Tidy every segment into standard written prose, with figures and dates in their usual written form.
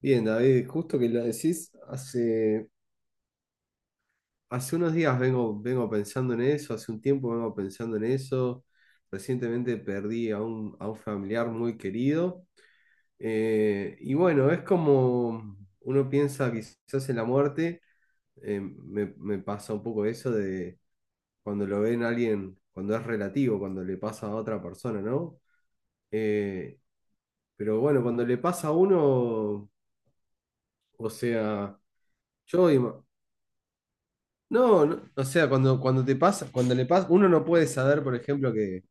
Bien, David, justo que lo decís, hace unos días vengo pensando en eso, hace un tiempo vengo pensando en eso. Recientemente perdí a a un familiar muy querido. Y bueno, es como uno piensa quizás en la muerte, me pasa un poco eso de cuando lo ven a alguien, cuando es relativo, cuando le pasa a otra persona, ¿no? Eh, pero bueno, cuando le pasa a uno, o sea... Yo ima- No, no, o sea, cuando te pasa, cuando le pasa, uno no puede saber, por ejemplo,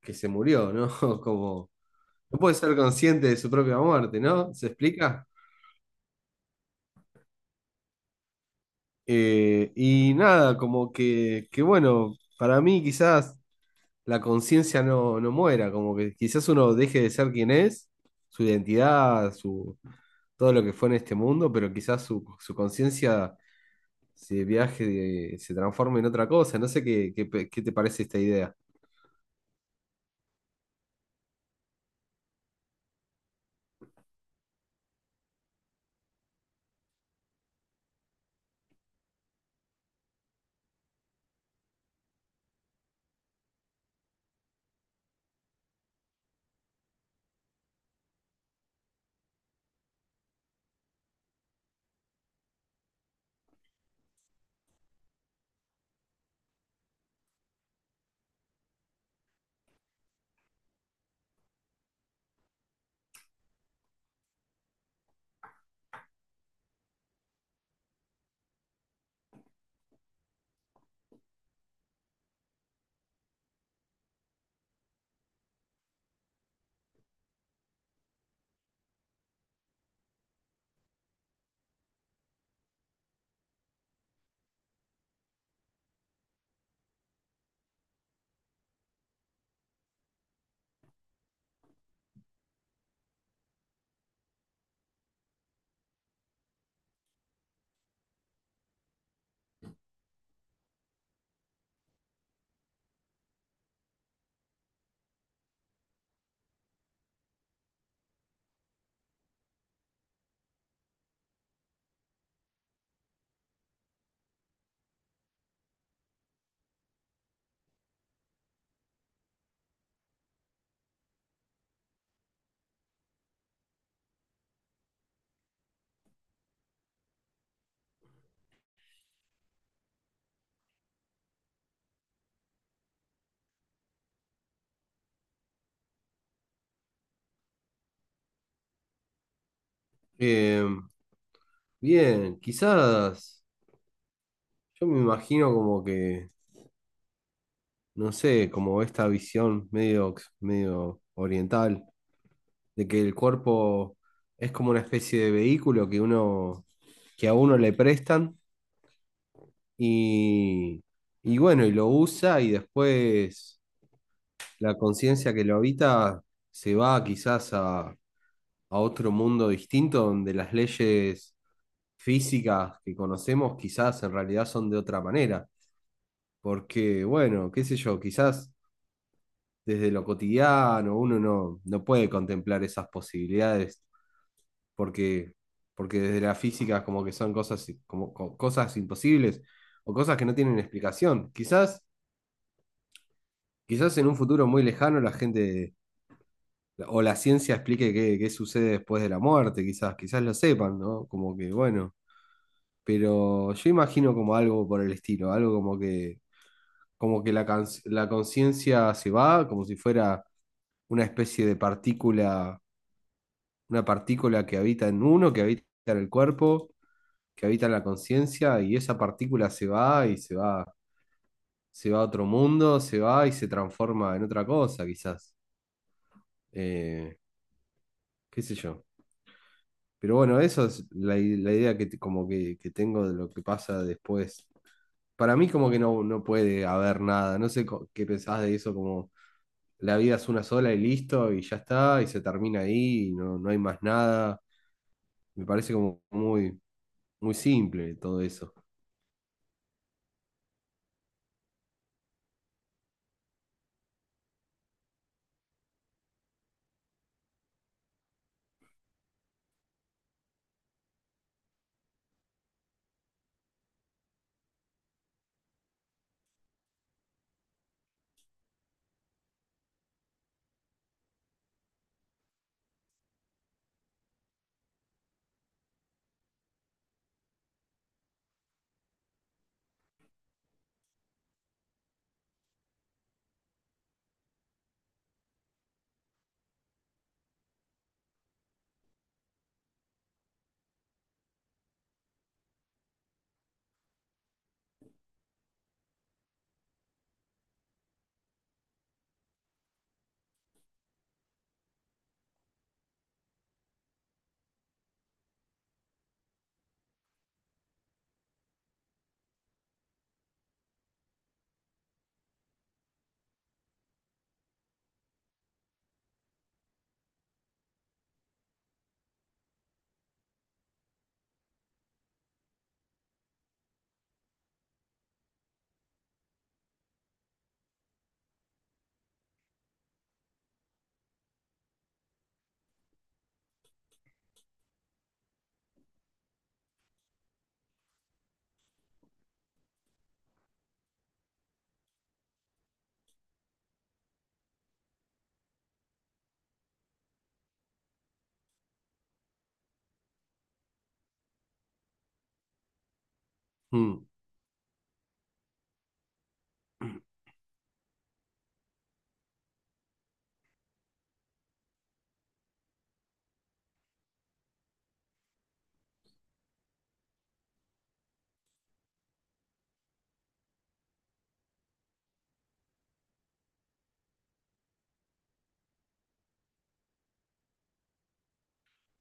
que se murió, ¿no? Como, no puede ser consciente de su propia muerte, ¿no? ¿Se explica? Y nada, que bueno, para mí quizás la conciencia no muera, como que quizás uno deje de ser quien es, su identidad, su, todo lo que fue en este mundo, pero quizás su conciencia se viaje, se transforme en otra cosa. No sé qué te parece esta idea. Eh, Bien, quizás yo me imagino como que, no sé, como esta visión medio oriental de que el cuerpo es como una especie de vehículo que uno, que a uno le prestan y, y bueno, y lo usa y después la conciencia que lo habita se va quizás a otro mundo distinto donde las leyes físicas que conocemos quizás en realidad son de otra manera. Porque, bueno, qué sé yo, quizás desde lo cotidiano uno no, no puede contemplar esas posibilidades, porque, porque desde la física como que son cosas, i- como, co- cosas imposibles o cosas que no tienen explicación. Quizás, quizás en un futuro muy lejano la gente o la ciencia explique qué sucede después de la muerte, quizás, quizás lo sepan, ¿no? Como que, bueno, pero yo imagino como algo por el estilo, algo como que la conciencia se va, como si fuera una especie de partícula, una partícula que habita en uno, que habita en el cuerpo, que habita en la conciencia, y esa partícula se va y se va a otro mundo, se va y se transforma en otra cosa, quizás. Eh, Qué sé yo. Pero bueno, eso es la idea que, te- como que tengo de lo que pasa después. Para mí como que no, no puede haber nada. No sé qué pensás de eso, como la vida es una sola y listo, y ya está, y se termina ahí, y no, no hay más nada. Me parece como muy, muy simple todo eso. Mm.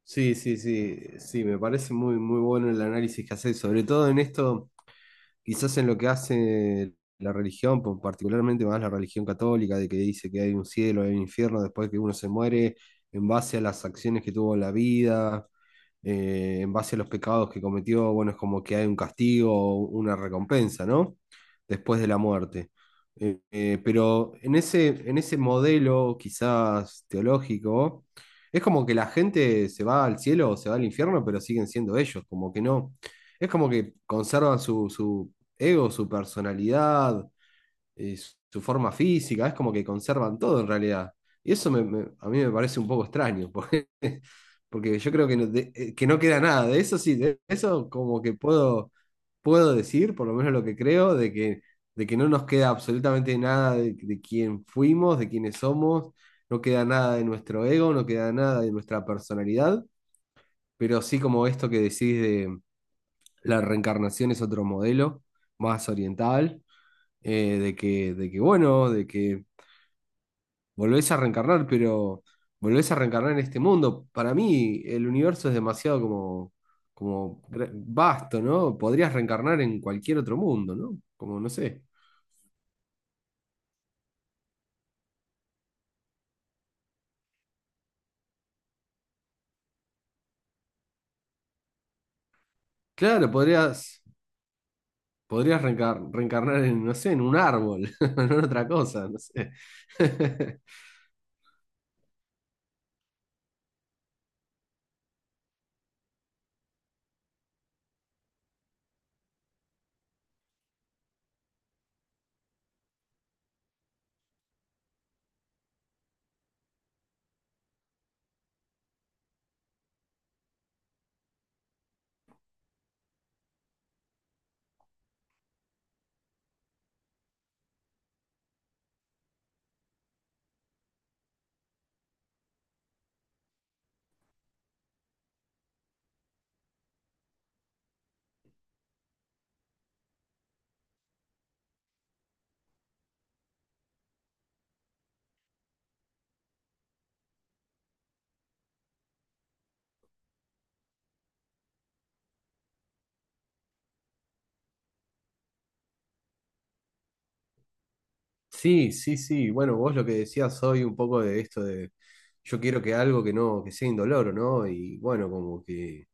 Sí, sí, sí, sí, me parece muy, muy bueno el análisis que haces, sobre todo en esto quizás en lo que hace la religión, particularmente más la religión católica, de que dice que hay un cielo, hay un infierno después que uno se muere, en base a las acciones que tuvo en la vida, en base a los pecados que cometió, bueno, es como que hay un castigo, o una recompensa, ¿no? Después de la muerte. Pero en en ese modelo quizás teológico, es como que la gente se va al cielo o se va al infierno, pero siguen siendo ellos, como que no. Es como que conservan su ego, su personalidad, eh, su forma física, es como que conservan todo en realidad. Y eso a mí me parece un poco extraño, porque, porque yo creo que que no queda nada. De eso sí, de eso como que puedo, puedo decir, por lo menos lo que creo, de que no nos queda absolutamente nada de, de quién fuimos, de quiénes somos, no queda nada de nuestro ego, no queda nada de nuestra personalidad, pero sí como esto que decís de la reencarnación es otro modelo más oriental, bueno, de que volvés a reencarnar, pero volvés a reencarnar en este mundo. Para mí, el universo es demasiado como, vasto, ¿no? Podrías reencarnar en cualquier otro mundo, ¿no? Como, no sé. Claro, podrías, podrías reencarnar en, no sé, en un árbol, en otra cosa, no sé. Sí, sí, sí. Bueno, vos lo que decías hoy un poco de esto de yo quiero que algo que no, que sea indoloro, ¿no? Y bueno, como que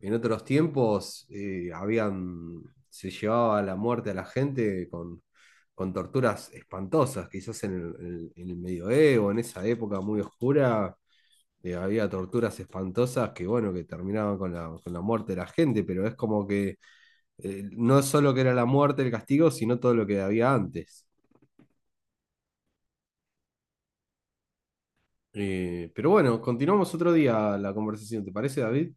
en otros tiempos habían, se llevaba la muerte a la gente con torturas espantosas, quizás en en el medioevo, en esa época muy oscura, había torturas espantosas que, bueno, que terminaban con con la muerte de la gente, pero es como que no solo que era la muerte el castigo, sino todo lo que había antes. Pero bueno, continuamos otro día la conversación, ¿te parece, David?